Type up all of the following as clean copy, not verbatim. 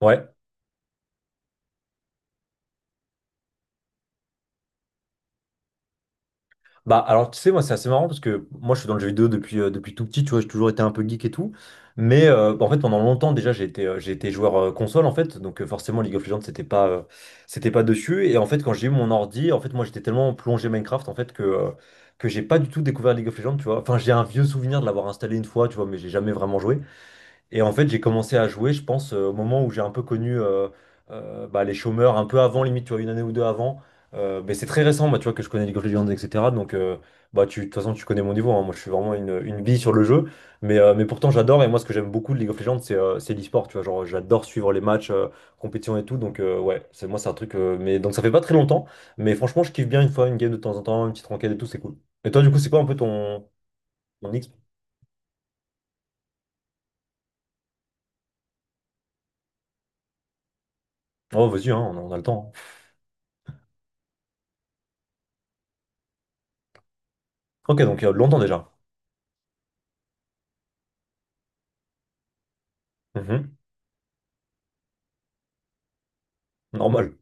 Ouais. Bah alors tu sais, moi c'est assez marrant parce que moi je suis dans le jeu vidéo depuis depuis tout petit, tu vois, j'ai toujours été un peu geek et tout. Mais en fait pendant longtemps déjà j'ai été joueur console en fait, donc forcément League of Legends c'était pas dessus. Et en fait quand j'ai eu mon ordi, en fait moi j'étais tellement plongé Minecraft en fait que j'ai pas du tout découvert League of Legends, tu vois. Enfin, j'ai un vieux souvenir de l'avoir installé une fois, tu vois, mais j'ai jamais vraiment joué. Et en fait, j'ai commencé à jouer, je pense, au moment où j'ai un peu connu les chômeurs, un peu avant, limite, tu vois, une année ou deux avant. Mais c'est très récent, moi, tu vois, que je connais League of Legends, etc. Donc, tu, de toute façon, tu connais mon niveau, hein. Moi, je suis vraiment une bille sur le jeu. Mais mais pourtant, j'adore. Et moi, ce que j'aime beaucoup de League of Legends, c'est l'e-sport. Tu vois, genre, j'adore suivre les matchs, compétition et tout. Donc, ouais, c'est moi, c'est un truc. Mais donc, ça fait pas très longtemps. Mais franchement, je kiffe bien une fois une game de temps en temps, une petite ranked et tout, c'est cool. Et toi, du coup, c'est quoi un peu ton X? Oh, vas-y, hein, on a le temps, hein. Ok, donc, longtemps déjà. Mhm. Normal.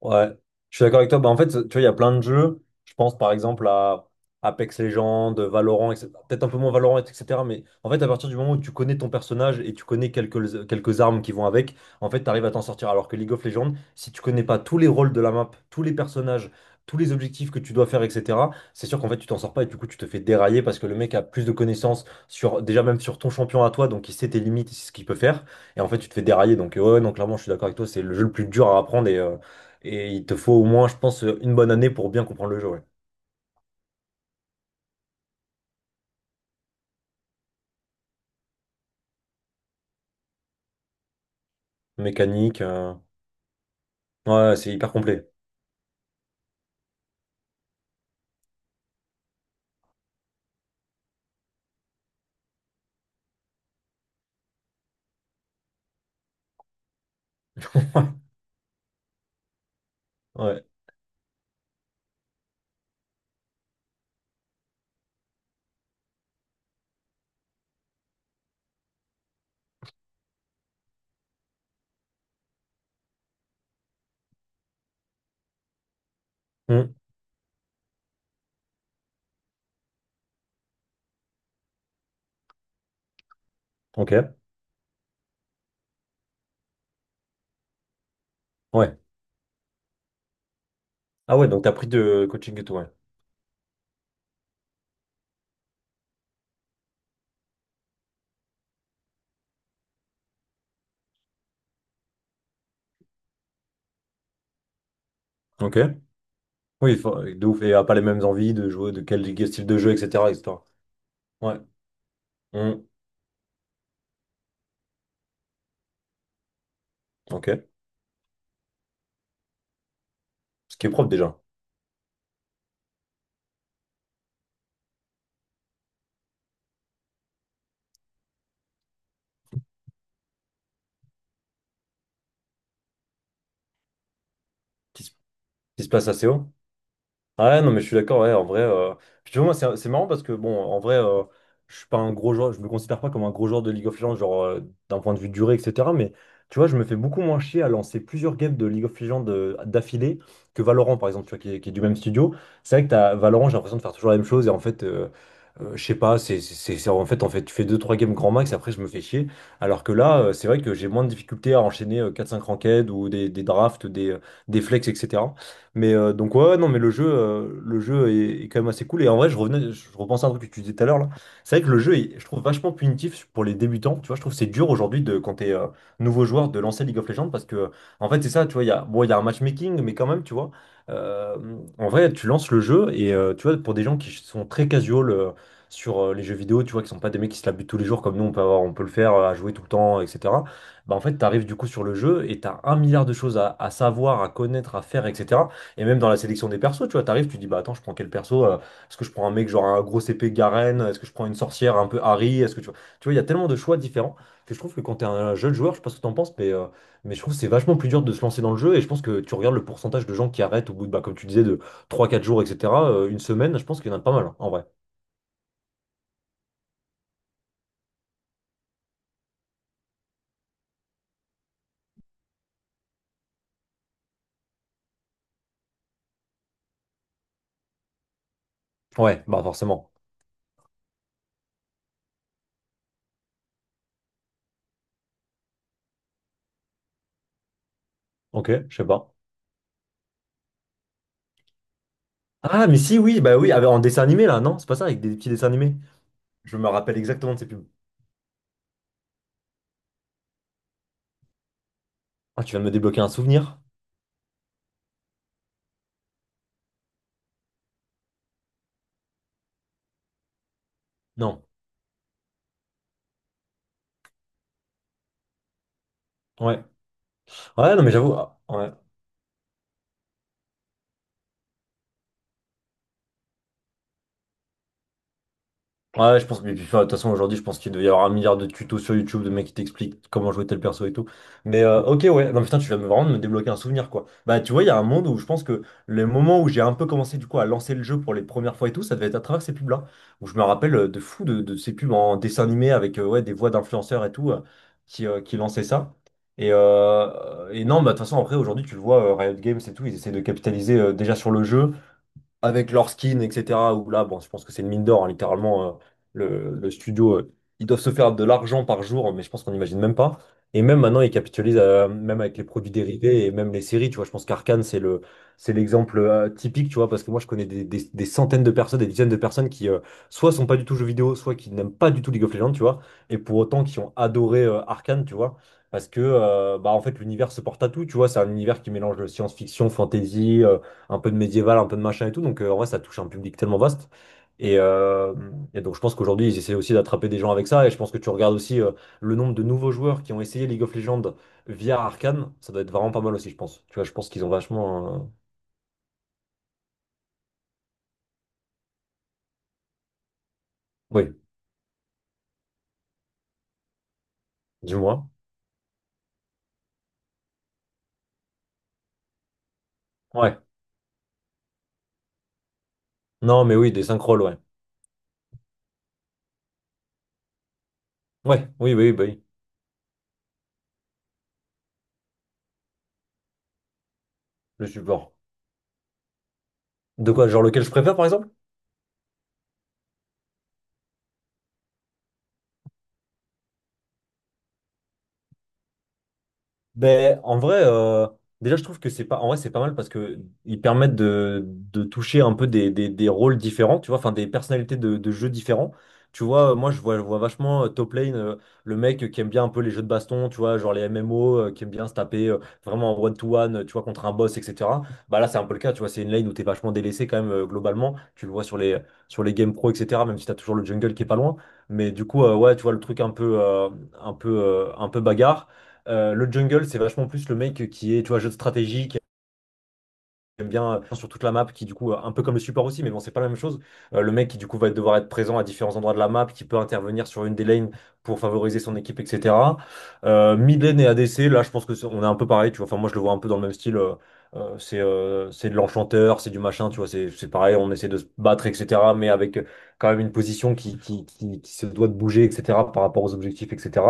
Ouais, je suis d'accord avec toi. Bah, en fait, tu vois, il y a plein de jeux. Je pense par exemple à Apex Legends, Valorant, etc. Peut-être un peu moins Valorant, etc. Mais en fait, à partir du moment où tu connais ton personnage et tu connais quelques armes qui vont avec, en fait, tu arrives à t'en sortir. Alors que League of Legends, si tu connais pas tous les rôles de la map, tous les personnages, tous les objectifs que tu dois faire, etc., c'est sûr qu'en fait, tu t'en sors pas, et du coup, tu te fais dérailler parce que le mec a plus de connaissances sur, déjà même sur ton champion à toi, donc il sait tes limites, il sait ce qu'il peut faire. Et en fait, tu te fais dérailler. Donc, ouais, ouais, non, clairement, je suis d'accord avec toi. C'est le jeu le plus dur à apprendre, et il te faut au moins, je pense, une bonne année pour bien comprendre le jeu, ouais. Mécanique, euh. Ouais, c'est hyper complet. Ouais. Hmm. Ok. Ouais. Ah ouais, donc t'as pris de coaching et tout, ouais. Ok. Oui, de ouf. Et a pas les mêmes envies de jouer, de quel style de jeu, etc., etc. Ouais. Hmm. Ok. Ce qui est propre déjà. Qui se qui se passe assez haut. Ah ouais, non, mais je suis d'accord, ouais, en vrai, euh. Puis tu vois, moi, c'est marrant parce que, bon, en vrai, je suis pas un gros joueur, je me considère pas comme un gros joueur de League of Legends, d'un point de vue durée, etc. Mais tu vois, je me fais beaucoup moins chier à lancer plusieurs games de League of Legends d'affilée que Valorant, par exemple, tu vois, qui est du même studio. C'est vrai que t'as Valorant, j'ai l'impression de faire toujours la même chose et en fait. Je sais pas, en fait, tu fais deux trois games grand max, après je me fais chier. Alors que là, c'est vrai que j'ai moins de difficultés à enchaîner 4-5 ranked ou des drafts, des flex, etc. Mais donc ouais, ouais, non mais le jeu, le jeu est, est quand même assez cool. Et en vrai je revenais, je repensais à un truc que tu disais tout à l'heure là. C'est vrai que le jeu est, je trouve, vachement punitif pour les débutants, tu vois, je trouve que c'est dur aujourd'hui de quand t'es nouveau joueur de lancer League of Legends parce que en fait c'est ça, tu vois, il y a bon il y a un matchmaking mais quand même, tu vois, euh, en vrai tu lances le jeu et tu vois, pour des gens qui sont très casual sur les jeux vidéo, tu vois, qui sont pas des mecs qui se la butent tous les jours comme nous, on peut avoir, on peut le faire à jouer tout le temps, etc. Bah en fait, t'arrives du coup sur le jeu et t'as un milliard de choses à savoir, à connaître, à faire, etc. Et même dans la sélection des persos, tu vois, t'arrives, tu dis, bah attends, je prends quel perso, euh? Est-ce que je prends un mec genre un gros épée Garen? Est-ce que je prends une sorcière un peu Harry? Est-ce que tu vois, il y a tellement de choix différents que je trouve que quand t'es un jeune joueur, je sais pas ce que t'en penses, mais je trouve que c'est vachement plus dur de se lancer dans le jeu. Et je pense que tu regardes le pourcentage de gens qui arrêtent au bout de, bah, comme tu disais, de trois quatre jours, etc., une semaine, je pense qu'il y en a pas mal, hein, en vrai. Ouais, bah forcément. Ok, je sais pas. Ah, mais si, oui, bah oui, avec- en dessin animé là, non? C'est pas ça, avec des petits dessins animés. Je me rappelle exactement de ces pubs. Ah, tu viens de me débloquer un souvenir? Non. Ouais. Ouais, non, mais j'avoue, ah, ouais. Ouais, je pense que, mais puis, enfin, de toute façon, aujourd'hui, je pense qu'il doit y avoir un milliard de tutos sur YouTube de mecs qui t'expliquent comment jouer tel perso et tout. Ok, ouais. Non, putain, vraiment, de me débloquer un souvenir, quoi. Bah, tu vois, il y a un monde où je pense que le moment où j'ai un peu commencé, du coup, à lancer le jeu pour les premières fois et tout, ça devait être à travers ces pubs-là. Où je me rappelle de fou de ces pubs en dessin animé avec, ouais, des voix d'influenceurs et tout, qui lançaient ça. Et et non, bah, de toute façon, après, aujourd'hui, tu le vois, Riot Games et tout, ils essaient de capitaliser, déjà sur le jeu, avec leur skin, etc. Où là, bon, je pense que c'est une mine d'or, hein, littéralement. Euh, le studio, ils doivent se faire de l'argent par jour, mais je pense qu'on n'imagine même pas. Et même maintenant, ils capitalisent, même avec les produits dérivés et même les séries, tu vois. Je pense qu'Arcane, c'est l'exemple typique, tu vois, parce que moi, je connais des, des centaines de personnes, des dizaines de personnes qui, soit sont pas du tout jeux vidéo, soit qui n'aiment pas du tout League of Legends, tu vois, et pour autant qui ont adoré Arcane, tu vois. Parce que, bah, en fait, l'univers se porte à tout, tu vois. C'est un univers qui mélange science-fiction, fantasy, un peu de médiéval, un peu de machin et tout. Donc en vrai, ça touche un public tellement vaste. Et et donc je pense qu'aujourd'hui, ils essaient aussi d'attraper des gens avec ça. Et je pense que tu regardes aussi le nombre de nouveaux joueurs qui ont essayé League of Legends via Arcane. Ça doit être vraiment pas mal aussi, je pense. Tu vois, je pense qu'ils ont vachement... euh. Oui, dis-moi. Ouais. Non, mais oui, des synchroles, ouais. Ouais, oui, oui, bah oui, le support. De quoi, genre lequel je préfère, par exemple? Ben, en vrai, déjà, je trouve que c'est pas, en vrai, c'est pas mal parce que ils permettent de toucher un peu des, des rôles différents, tu vois, enfin, des personnalités de jeux différents. Tu vois, moi, je vois vachement Top Lane, le mec qui aime bien un peu les jeux de baston, tu vois, genre les MMO, qui aime bien se taper vraiment en one-to-one, tu vois, contre un boss, etc. Bah là, c'est un peu le cas, tu vois, c'est une lane où t'es vachement délaissé quand même, globalement. Tu le vois sur sur les games pro, etc., même si t'as toujours le jungle qui est pas loin. Mais du coup, ouais, tu vois, le truc un peu, un peu, un peu bagarre. Le jungle, c'est vachement plus le mec qui est, tu vois, jeu de stratégie. J'aime bien sur toute la map, qui du coup un peu comme le support aussi mais bon c'est pas la même chose. Le mec qui du coup va devoir être présent à différents endroits de la map, qui peut intervenir sur une des lanes pour favoriser son équipe, etc. Euh, mid lane et ADC, là je pense que on est un peu pareil, tu vois, enfin moi je le vois un peu dans le même style, euh. C'est de l'enchanteur, c'est du machin, tu vois, c'est pareil, on essaie de se battre, etc., mais avec quand même une position qui se doit de bouger, etc., par rapport aux objectifs, etc.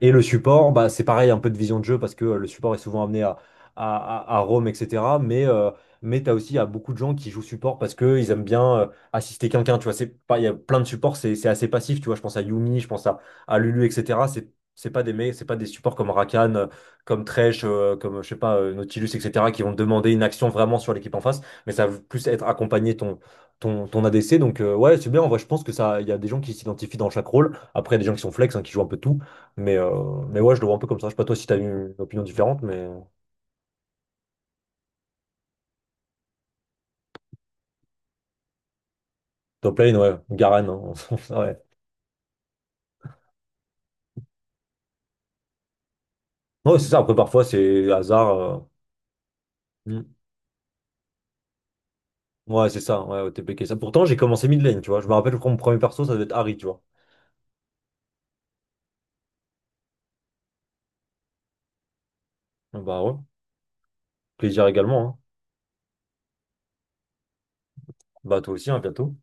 Et le support, bah c'est pareil, un peu de vision de jeu parce que le support est souvent amené à, à roam, etc. Mais tu as aussi il y a beaucoup de gens qui jouent support parce qu'ils aiment bien assister quelqu'un. Tu vois, c'est pas, il y a plein de supports, c'est assez passif. Tu vois, je pense à Yumi, à Lulu, etc. C'est pas des mecs, c'est pas des supports comme Rakan, comme Thresh, comme je sais pas, Nautilus, etc., qui vont te demander une action vraiment sur l'équipe en face. Mais ça va plus être accompagné ton ADC. Donc ouais, c'est bien. En vrai, je pense que ça, il y a des gens qui s'identifient dans chaque rôle. Après, il y a des gens qui sont flex, hein, qui jouent un peu tout. Mais mais ouais, je le vois un peu comme ça. Je sais pas toi si t'as une opinion différente, mais top lane, ouais, Garen, hein. Ouais. Ouais, c'est ça. Après, parfois, c'est hasard, euh. Hmm. Ouais, c'est ça. Ouais, TPK. Ça. Pourtant, j'ai commencé mid lane, tu vois. Je me rappelle quand mon premier perso, ça devait être Harry, tu vois. Ah bah ouais. Plaisir également, hein. Bah toi aussi, hein, bientôt.